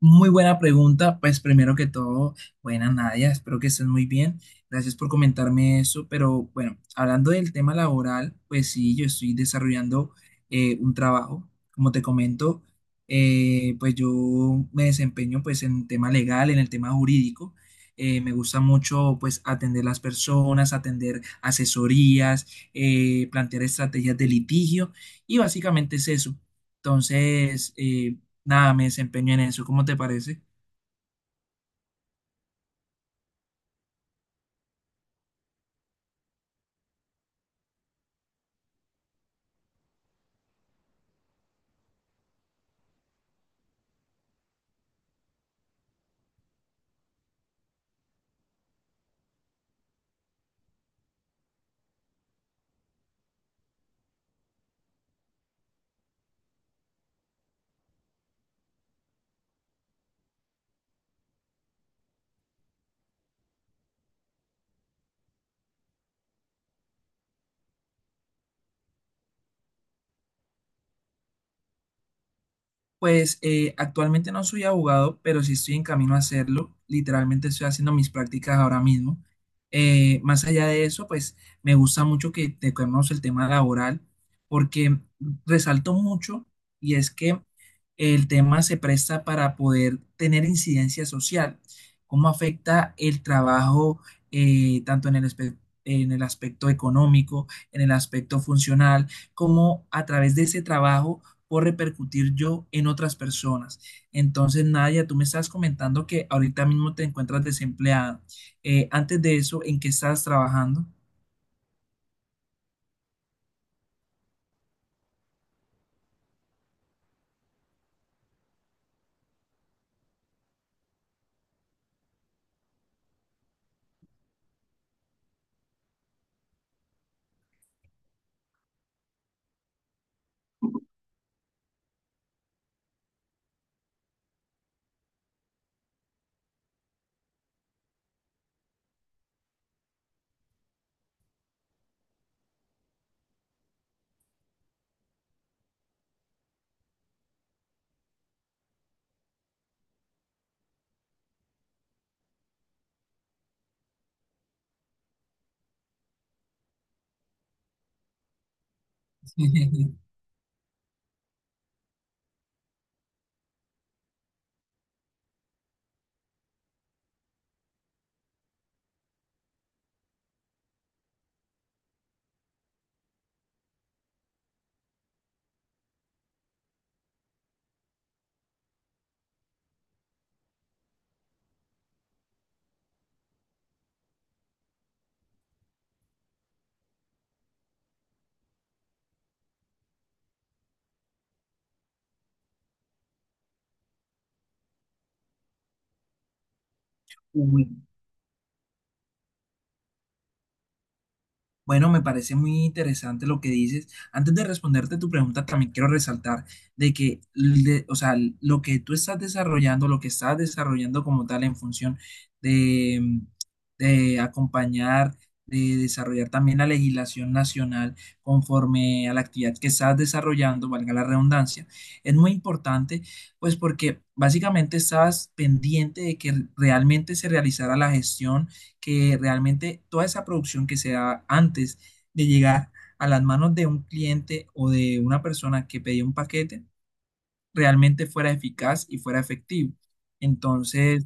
Muy buena pregunta. Pues primero que todo, buena Nadia, espero que estés muy bien. Gracias por comentarme eso. Pero bueno, hablando del tema laboral, pues sí, yo estoy desarrollando un trabajo. Como te comento, pues yo me desempeño pues en tema legal, en el tema jurídico. Me gusta mucho pues atender las personas, atender asesorías, plantear estrategias de litigio y básicamente es eso. Entonces, nada, me desempeño en eso. ¿Cómo te parece? Pues actualmente no soy abogado, pero sí estoy en camino a hacerlo. Literalmente estoy haciendo mis prácticas ahora mismo. Más allá de eso, pues me gusta mucho que te tocamos el tema laboral, porque resalto mucho y es que el tema se presta para poder tener incidencia social. ¿Cómo afecta el trabajo tanto en el, en el aspecto económico, en el aspecto funcional, como a través de ese trabajo puedo repercutir yo en otras personas? Entonces, Nadia, tú me estás comentando que ahorita mismo te encuentras desempleada. Antes de eso, ¿en qué estás trabajando? Uy, bueno, me parece muy interesante lo que dices. Antes de responderte tu pregunta, también quiero resaltar de que, o sea, lo que tú estás desarrollando, lo que estás desarrollando como tal en función de, de acompañar, de desarrollar también la legislación nacional conforme a la actividad que estás desarrollando, valga la redundancia, es muy importante, pues porque básicamente estás pendiente de que realmente se realizara la gestión, que realmente toda esa producción que se da antes de llegar a las manos de un cliente o de una persona que pedía un paquete, realmente fuera eficaz y fuera efectivo. Entonces,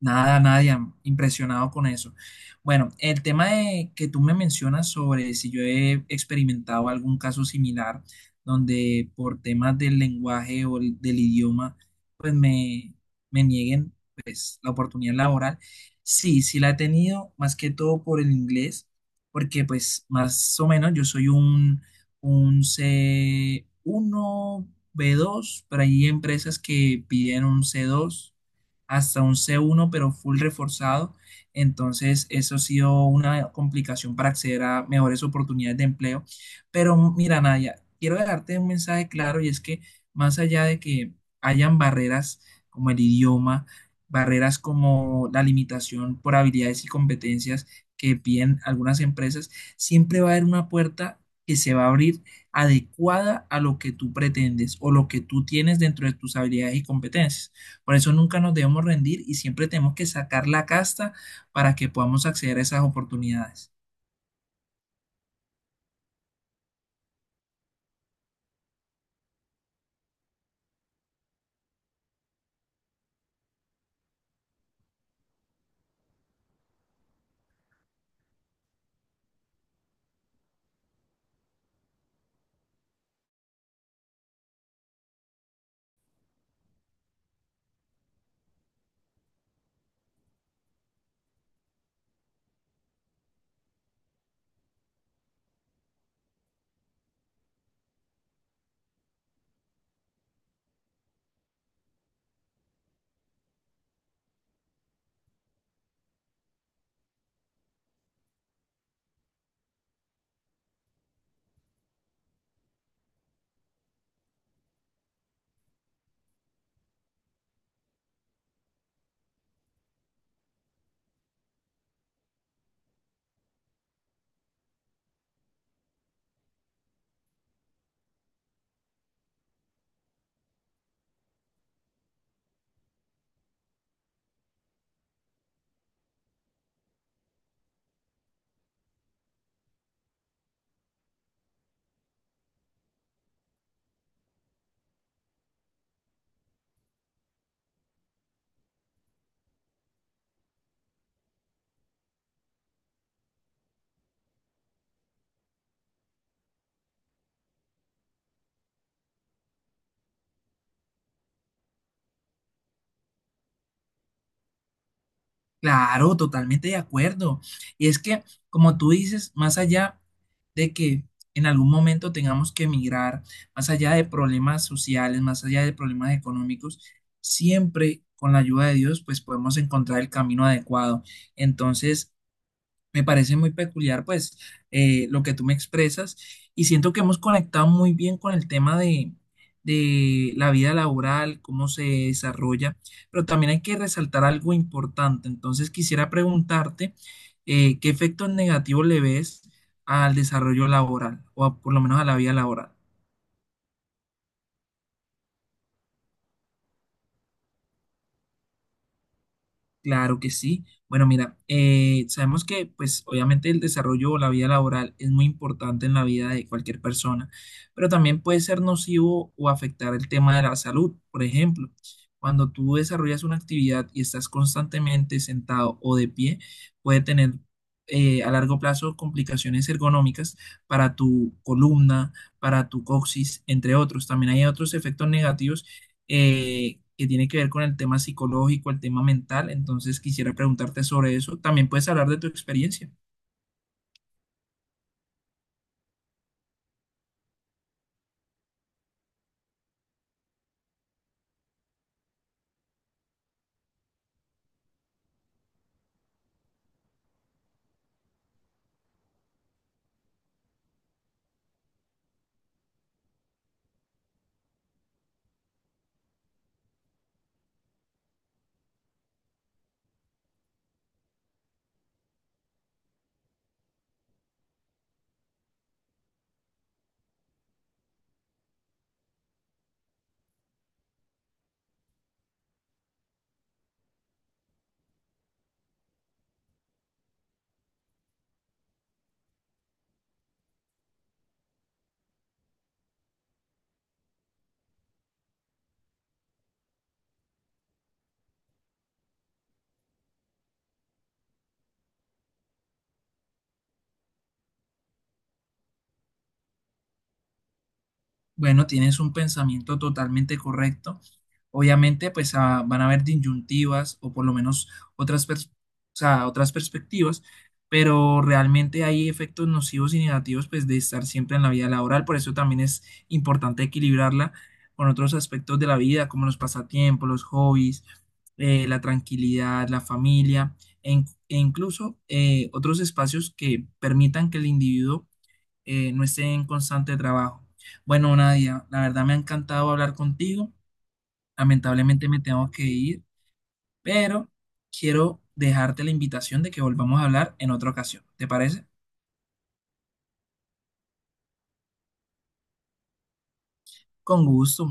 nada, nadie, impresionado con eso. Bueno, el tema de que tú me mencionas sobre si yo he experimentado algún caso similar donde por temas del lenguaje o del idioma, pues me nieguen, pues, la oportunidad laboral. Sí, sí la he tenido, más que todo por el inglés, porque pues más o menos yo soy un C1 B2, pero hay empresas que piden un C2, hasta un C1, pero full reforzado. Entonces, eso ha sido una complicación para acceder a mejores oportunidades de empleo. Pero mira, Nadia, quiero dejarte un mensaje claro, y es que más allá de que hayan barreras como el idioma, barreras como la limitación por habilidades y competencias que piden algunas empresas, siempre va a haber una puerta que se va a abrir adecuada a lo que tú pretendes o lo que tú tienes dentro de tus habilidades y competencias. Por eso nunca nos debemos rendir y siempre tenemos que sacar la casta para que podamos acceder a esas oportunidades. Claro, totalmente de acuerdo. Y es que, como tú dices, más allá de que en algún momento tengamos que emigrar, más allá de problemas sociales, más allá de problemas económicos, siempre con la ayuda de Dios, pues podemos encontrar el camino adecuado. Entonces, me parece muy peculiar, pues, lo que tú me expresas, y siento que hemos conectado muy bien con el tema de la vida laboral, cómo se desarrolla, pero también hay que resaltar algo importante. Entonces, quisiera preguntarte, ¿qué efectos negativos le ves al desarrollo laboral o por lo menos a la vida laboral? Claro que sí. Bueno, mira, sabemos que pues obviamente el desarrollo o la vida laboral es muy importante en la vida de cualquier persona, pero también puede ser nocivo o afectar el tema de la salud. Por ejemplo, cuando tú desarrollas una actividad y estás constantemente sentado o de pie, puede tener, a largo plazo, complicaciones ergonómicas para tu columna, para tu coxis, entre otros. También hay otros efectos negativos, que tiene que ver con el tema psicológico, el tema mental. Entonces quisiera preguntarte sobre eso. También puedes hablar de tu experiencia. Bueno, tienes un pensamiento totalmente correcto. Obviamente, pues, van a haber disyuntivas o por lo menos otras, o sea, otras perspectivas, pero realmente hay efectos nocivos y negativos pues de estar siempre en la vida laboral. Por eso también es importante equilibrarla con otros aspectos de la vida, como los pasatiempos, los hobbies, la tranquilidad, la familia e incluso, otros espacios que permitan que el individuo, no esté en constante trabajo. Bueno, Nadia, la verdad me ha encantado hablar contigo. Lamentablemente me tengo que ir, pero quiero dejarte la invitación de que volvamos a hablar en otra ocasión. ¿Te parece? Con gusto.